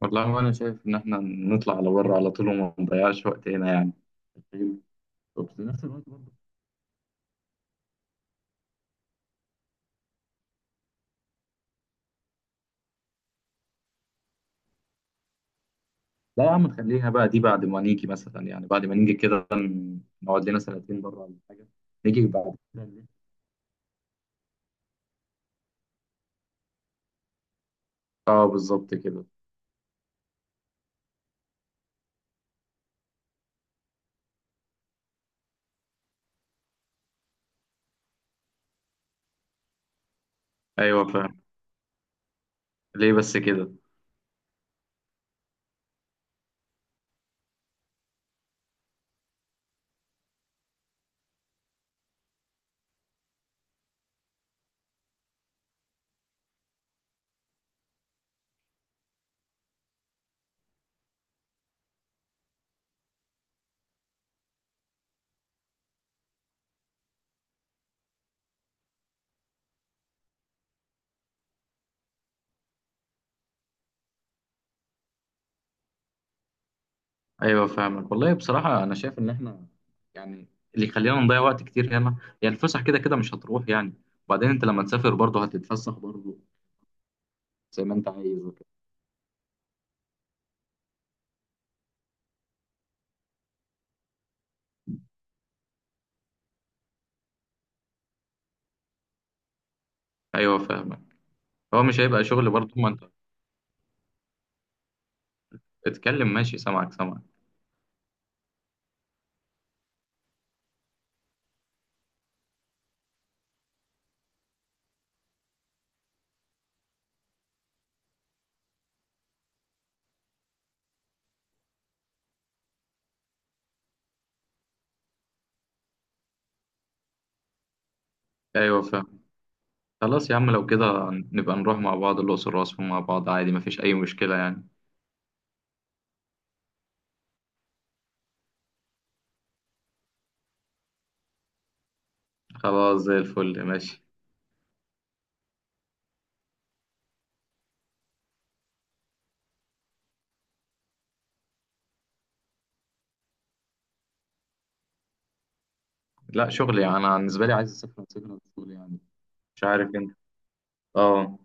والله انا شايف ان احنا نطلع على بره على طول وما نضيعش وقت هنا يعني. وفي نفس الوقت برضه. لا يا عم نخليها بقى دي بعد ما نيجي مثلا يعني، بعد ما نيجي كده نقعد لنا سنتين بره ولا حاجه. نيجي بعد كده نلف. اه بالظبط كده. ايوه فاهم. ليه بس كده؟ ايوه فاهمك، والله بصراحه انا شايف ان احنا يعني اللي يخلينا نضيع وقت كتير هنا يعني. الفسح كده كده مش هتروح يعني، وبعدين انت لما تسافر برضه هتتفسح برضه زي ما انت عايز وكده. ايوه فاهمك. هو مش هيبقى شغل برضه ما انت. اتكلم ماشي، سامعك سامعك. ايوه فاهم. خلاص يا عم، لو كده نبقى نروح مع بعض الأقصر وأسوان مع بعض عادي، مفيش أي مشكلة يعني. خلاص زي الفل، ماشي. لا شغل، يعني أنا بالنسبة لي عايز أسافر، أسافر شغل يعني. مش عارف أنت. أه.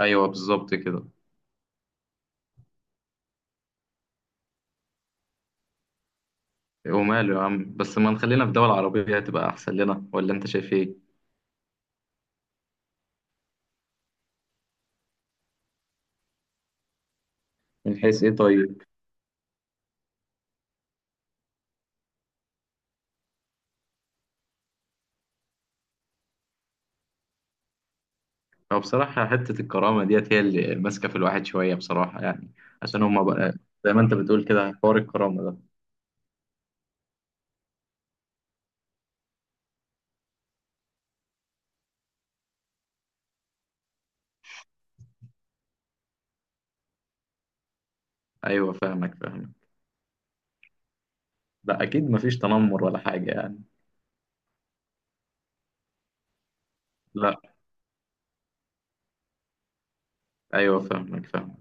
أيوه بالظبط كده. وماله يا عم، بس ما نخلينا في دول عربية هتبقى أحسن لنا، ولا أنت شايف إيه؟ من حيث إيه طيب؟ هو بصراحة حتة الكرامة ديت هي اللي ماسكة في الواحد شوية بصراحة يعني. عشان هما بقى زي ما أنت بتقول كده حوار الكرامة ده. أيوه فاهمك فاهمك. لا، اكيد مفيش تنمر ولا حاجه يعني. لا. ايوه فاهمك فاهمك.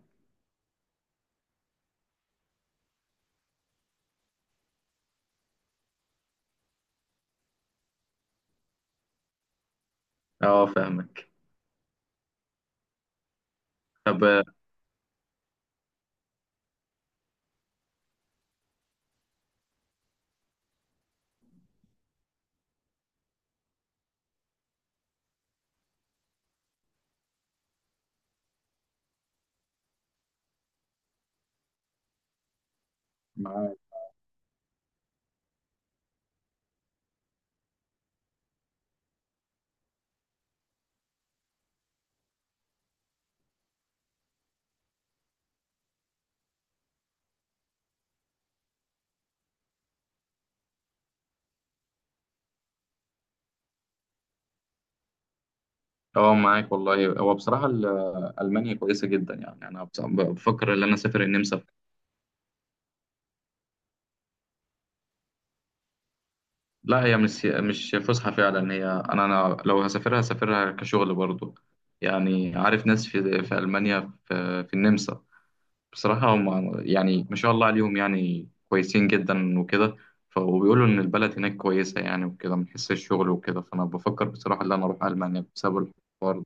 اه فاهمك. طب معاك. اه معاك، والله هو بصراحه المانيا كويسه جدا، يعني انا بفكر ان انا اسافر النمسا. لا، هي مش فسحه فعلا، هي انا لو هسافرها هسافرها كشغل برضو. يعني عارف ناس في المانيا، في النمسا. بصراحة هم يعني ما شاء الله عليهم، يعني كويسين جدا وكده. وبيقولوا إن البلد هناك كويسة يعني وكده، من حيث الشغل وكده. فأنا بفكر بصراحة إن أنا أروح ألمانيا بسبب الحوار ده.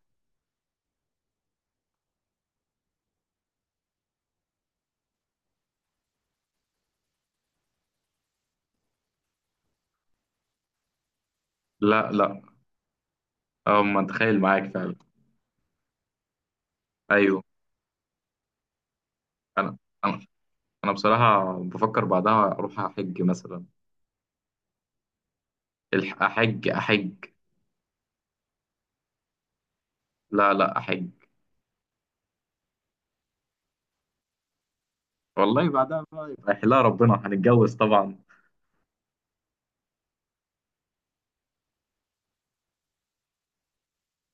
لا لا. أه ما أتخيل معاك فعلا. أيوه. أنا أنا أنا بصراحة بفكر بعدها أروح أحج مثلا. أحج أحج. لا لا أحج. والله بعدها بقى يبقى يحلها ربنا، هنتجوز طبعا.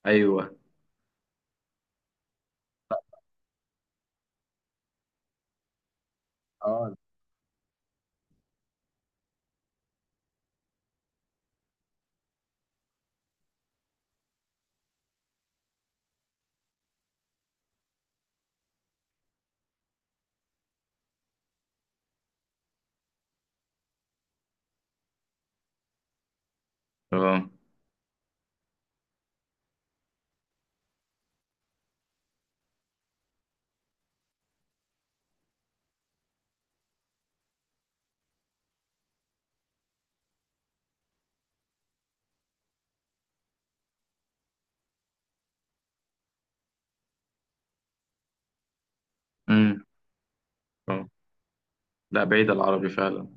أيوه. اه. أه. أمم، أه. لا، بعيد العربي فعلا.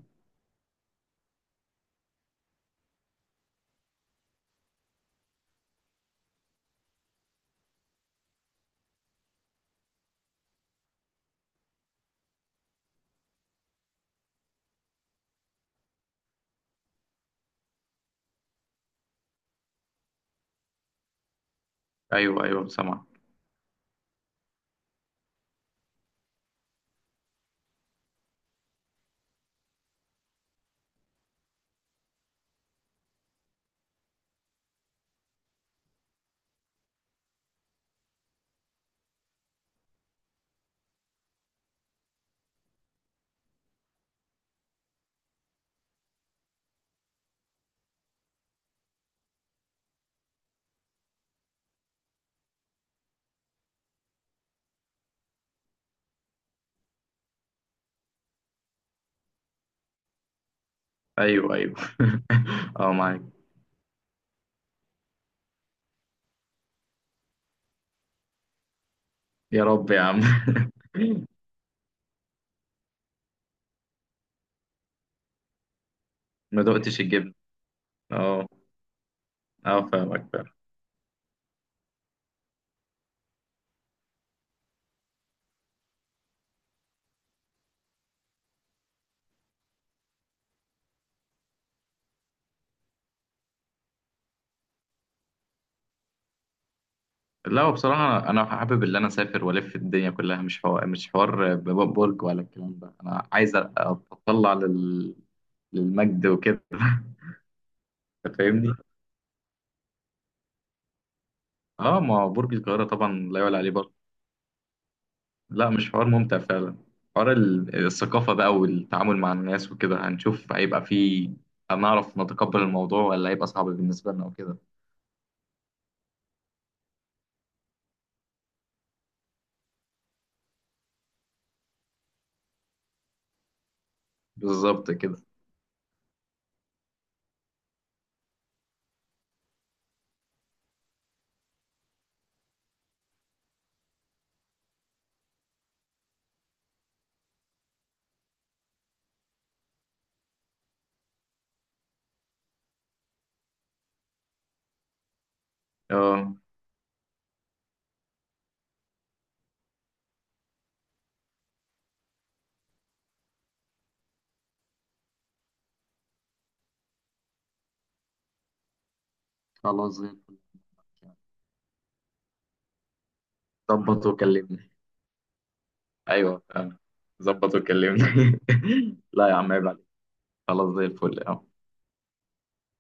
أيوه أيوه سامع. ايوه ايوه اه معاك. يا رب يا عم. ما دقتش الجبن. اه. اه فاهمك فاهم. لا هو بصراحة أنا حابب اللي أنا أسافر وألف الدنيا كلها، مش حوار، مش حوار برج ولا الكلام ده. أنا عايز أتطلع للمجد وكده أنت فاهمني؟ أه، ما هو برج القاهرة طبعا لا يعلى عليه برضه. لا مش حوار ممتع فعلا. حوار الثقافة بقى والتعامل مع الناس وكده. هنشوف هيبقى فيه، هنعرف نتقبل الموضوع ولا هيبقى صعب بالنسبة لنا وكده. بالظبط كده. اه. خلاص زي الفل. ظبط وكلمني. ايوه فاهم. ظبط وكلمني لا يا عم عيب عليك. خلاص زي الفل.